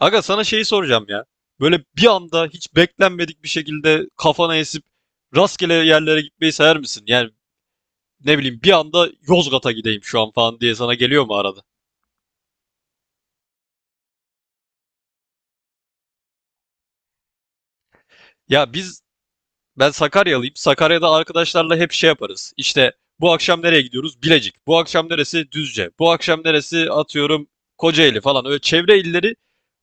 Aga sana şeyi soracağım ya. Böyle bir anda hiç beklenmedik bir şekilde kafana esip rastgele yerlere gitmeyi sever misin? Yani ne bileyim bir anda Yozgat'a gideyim şu an falan diye sana geliyor mu arada? Ya biz Ben Sakaryalıyım. Sakarya'da arkadaşlarla hep şey yaparız. İşte bu akşam nereye gidiyoruz? Bilecik. Bu akşam neresi? Düzce. Bu akşam neresi? Atıyorum Kocaeli falan. Öyle çevre illeri,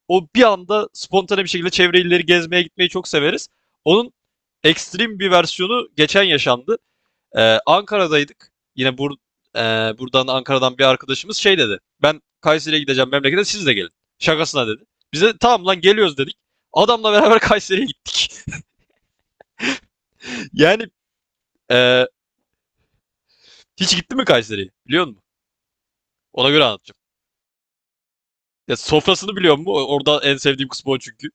o bir anda spontane bir şekilde çevre illeri gezmeye gitmeyi çok severiz. Onun ekstrem bir versiyonu geçen yaşandı. Ankara'daydık. E, Buradan Ankara'dan bir arkadaşımız şey dedi. Ben Kayseri'ye gideceğim memlekete siz de gelin. Şakasına dedi. Biz de tamam lan geliyoruz dedik. Adamla beraber Kayseri'ye gittik. Yani e, hiç gitti mi Kayseri'ye biliyor musun? Ona göre anlatacağım. Ya sofrasını biliyor musun? Orada en sevdiğim kısmı o çünkü.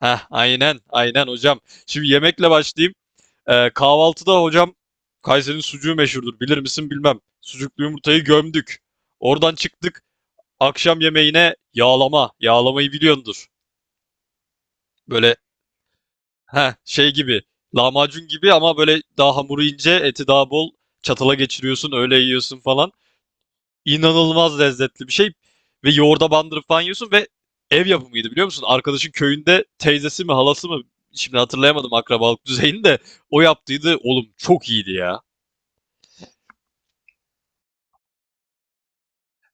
Heh, aynen aynen hocam. Şimdi yemekle başlayayım. Kahvaltıda hocam Kayseri'nin sucuğu meşhurdur. Bilir misin bilmem. Sucuklu yumurtayı gömdük. Oradan çıktık akşam yemeğine yağlama. Yağlamayı biliyordur. Böyle heh, şey gibi, lahmacun gibi ama böyle daha hamuru ince eti daha bol, çatala geçiriyorsun öyle yiyorsun falan. İnanılmaz lezzetli bir şey ve yoğurda bandırıp falan yiyorsun ve ev yapımıydı biliyor musun? Arkadaşın köyünde teyzesi mi halası mı, şimdi hatırlayamadım akrabalık düzeyini de, o yaptıydı. Oğlum çok iyiydi ya.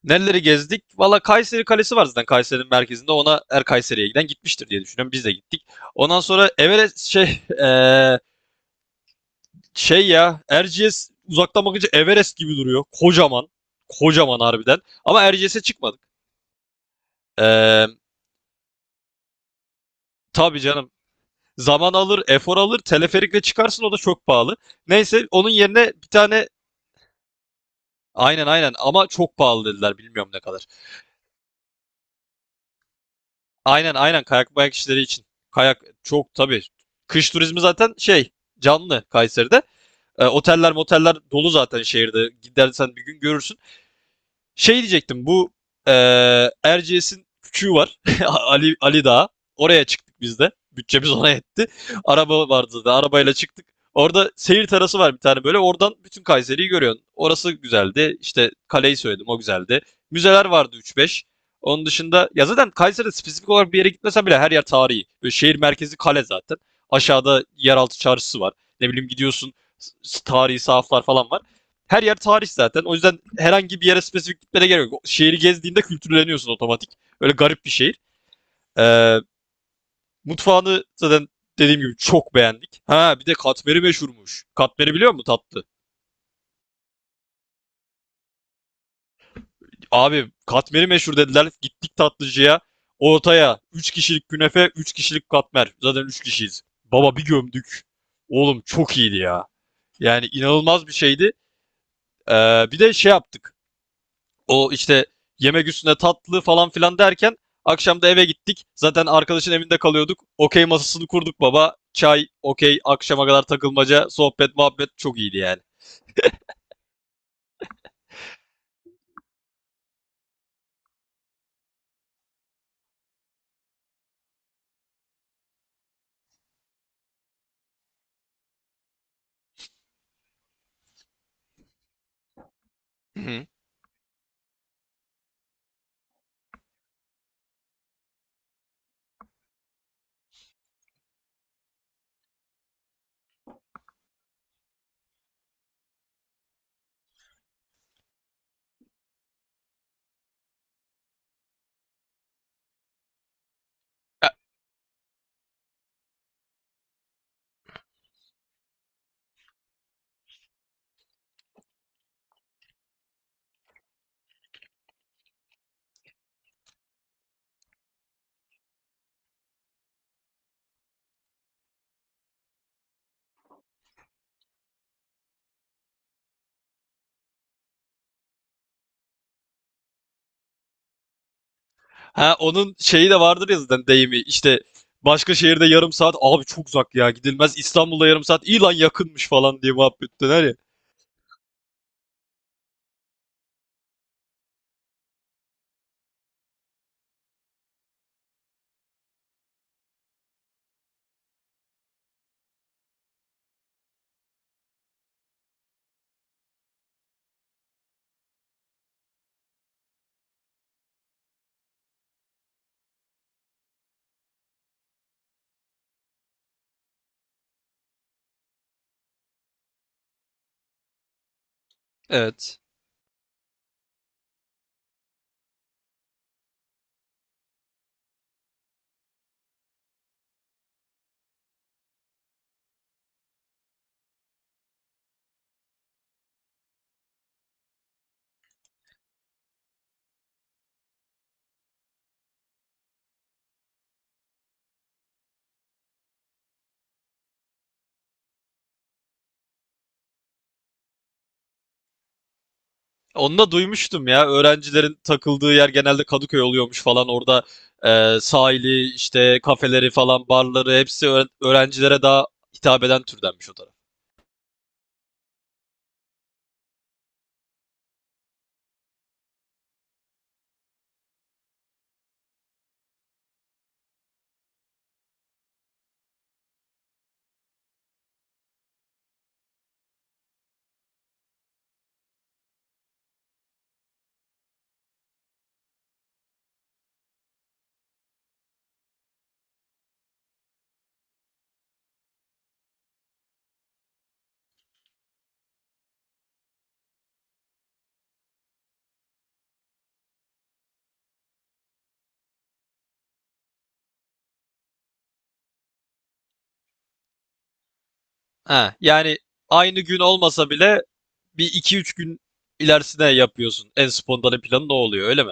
Nereleri gezdik? Valla Kayseri Kalesi var zaten Kayseri'nin merkezinde. Ona her Kayseri'ye giden gitmiştir diye düşünüyorum. Biz de gittik. Ondan sonra Everest şey şey ya Erciyes uzaktan bakınca Everest gibi duruyor. Kocaman. Kocaman harbiden. Ama Erciyes'e çıkmadık. Eee tabii canım. Zaman alır, efor alır. Teleferikle çıkarsın o da çok pahalı. Neyse onun yerine bir tane, aynen aynen ama çok pahalı dediler, bilmiyorum ne kadar. Aynen aynen kayak bayak işleri için. Kayak çok tabii. Kış turizmi zaten şey, canlı Kayseri'de. Oteller moteller dolu zaten şehirde. Gidersen bir gün görürsün. Şey diyecektim, bu Erciyes'in küçüğü var. Ali Ali Dağı. Oraya çıktık biz de. Bütçemiz ona yetti. Araba vardı da arabayla çıktık. Orada seyir terası var bir tane böyle. Oradan bütün Kayseri'yi görüyorsun. Orası güzeldi. İşte kaleyi söyledim, o güzeldi. Müzeler vardı üç beş. Onun dışında ya zaten Kayseri'de spesifik olarak bir yere gitmesen bile her yer tarihi. Böyle şehir merkezi kale zaten. Aşağıda yeraltı çarşısı var. Ne bileyim gidiyorsun, tarihi sahaflar falan var. Her yer tarih zaten. O yüzden herhangi bir yere spesifik gitmene gerek yok. Şehri gezdiğinde kültürleniyorsun otomatik. Öyle garip bir şehir. Ee, Mutfağını zaten dediğim gibi çok beğendik. Ha bir de katmeri meşhurmuş. Katmeri biliyor musun, tatlı? Abi katmeri meşhur dediler. Gittik tatlıcıya. Ortaya üç kişilik künefe, 3 kişilik katmer. Zaten 3 kişiyiz. Baba bir gömdük. Oğlum çok iyiydi ya. Yani inanılmaz bir şeydi. Bir de şey yaptık. O işte yemek üstüne tatlı falan filan derken akşam da eve gittik. Zaten arkadaşın evinde kalıyorduk. Okey masasını kurduk baba. Çay, okey, akşama kadar takılmaca, sohbet, muhabbet çok iyiydi yani. Hı hı. Ha onun şeyi de vardır ya zaten, deyimi işte, başka şehirde yarım saat abi çok uzak ya gidilmez, İstanbul'da yarım saat iyi lan yakınmış falan diye muhabbet döner ya. Evet. Onu da duymuştum ya. Öğrencilerin takıldığı yer genelde Kadıköy oluyormuş falan. Orada sahili, işte kafeleri falan, barları, hepsi öğrencilere daha hitap eden türdenmiş o taraf. Ha, yani aynı gün olmasa bile bir iki üç gün ilerisine yapıyorsun. En spontane planı ne oluyor, öyle mi?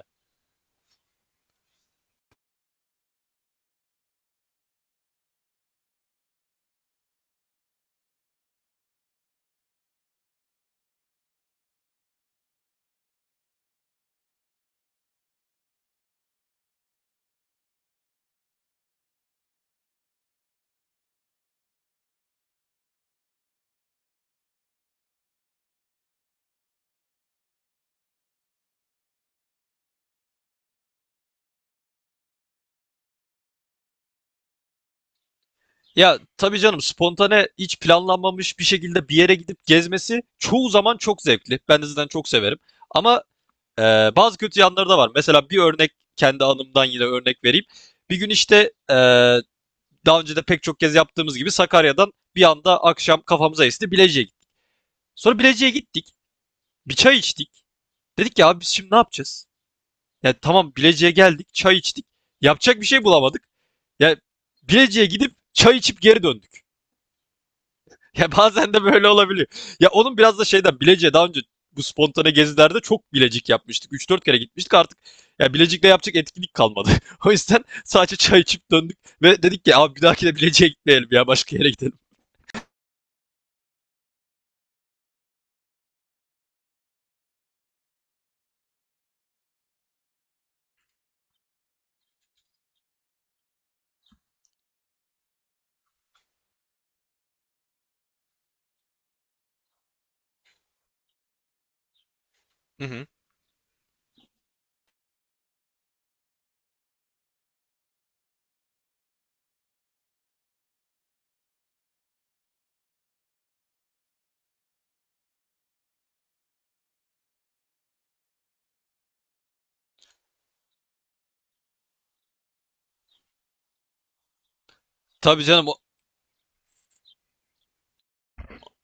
Ya tabii canım, spontane hiç planlanmamış bir şekilde bir yere gidip gezmesi çoğu zaman çok zevkli. Ben de zaten çok severim. Ama bazı kötü yanları da var. Mesela bir örnek, kendi anımdan yine örnek vereyim. Bir gün işte, e, daha önce de pek çok kez yaptığımız gibi Sakarya'dan bir anda akşam kafamıza esti, Bilecik'e gittik. Sonra Bilecik'e gittik. Bir çay içtik. Dedik ya abi biz şimdi ne yapacağız? Yani tamam Bilecik'e geldik, çay içtik. Yapacak bir şey bulamadık. Yani Bilecik'e gidip çay içip geri döndük. Ya bazen de böyle olabiliyor. Ya onun biraz da şeyden, Bilecik'e daha önce bu spontane gezilerde çok Bilecik yapmıştık. Üç dört kere gitmiştik artık. Ya Bilecik'le yapacak etkinlik kalmadı. O yüzden sadece çay içip döndük ve dedik ki abi bir dahaki de Bilecik'e gitmeyelim ya, başka yere gidelim. Hı hı. Tabii canım.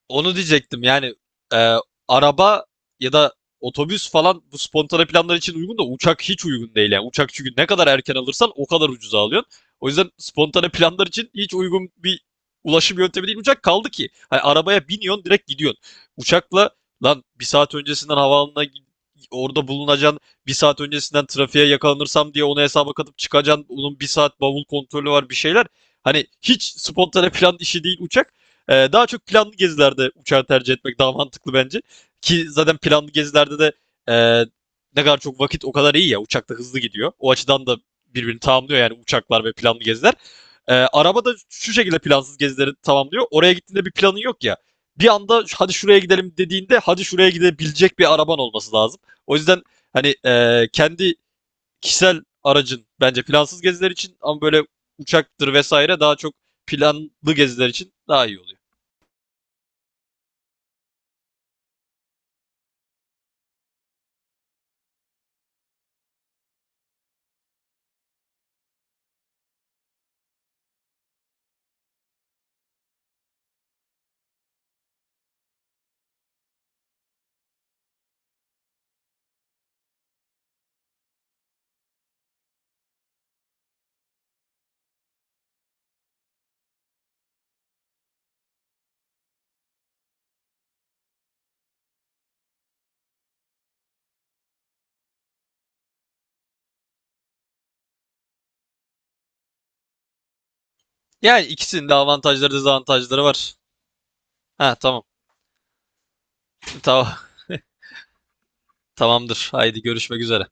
Onu diyecektim yani. e, Araba ya da otobüs falan bu spontane planlar için uygun da uçak hiç uygun değil yani. Uçak çünkü ne kadar erken alırsan o kadar ucuza alıyorsun. O yüzden spontane planlar için hiç uygun bir ulaşım yöntemi değil uçak, kaldı ki hani arabaya biniyorsun direkt gidiyorsun. Uçakla lan bir saat öncesinden orada bulunacaksın. Bir saat öncesinden trafiğe yakalanırsam diye onu hesaba katıp çıkacaksın. Onun bir saat bavul kontrolü var bir şeyler. Hani hiç spontane plan işi değil uçak. Daha çok planlı gezilerde uçağı tercih etmek daha mantıklı bence. Ki zaten planlı gezilerde de e, ne kadar çok vakit o kadar iyi ya. Uçakta hızlı gidiyor. O açıdan da birbirini tamamlıyor yani, uçaklar ve planlı geziler. Araba da şu şekilde plansız gezileri tamamlıyor. Oraya gittiğinde bir planın yok ya. Bir anda hadi şuraya gidelim dediğinde, hadi şuraya gidebilecek bir araban olması lazım. O yüzden hani kendi kişisel aracın bence plansız geziler için, ama böyle uçaktır vesaire daha çok planlı geziler için daha iyi oluyor. Yani ikisinin de avantajları dezavantajları var. Ha tamam. Tamam. Tamamdır. Haydi görüşmek üzere.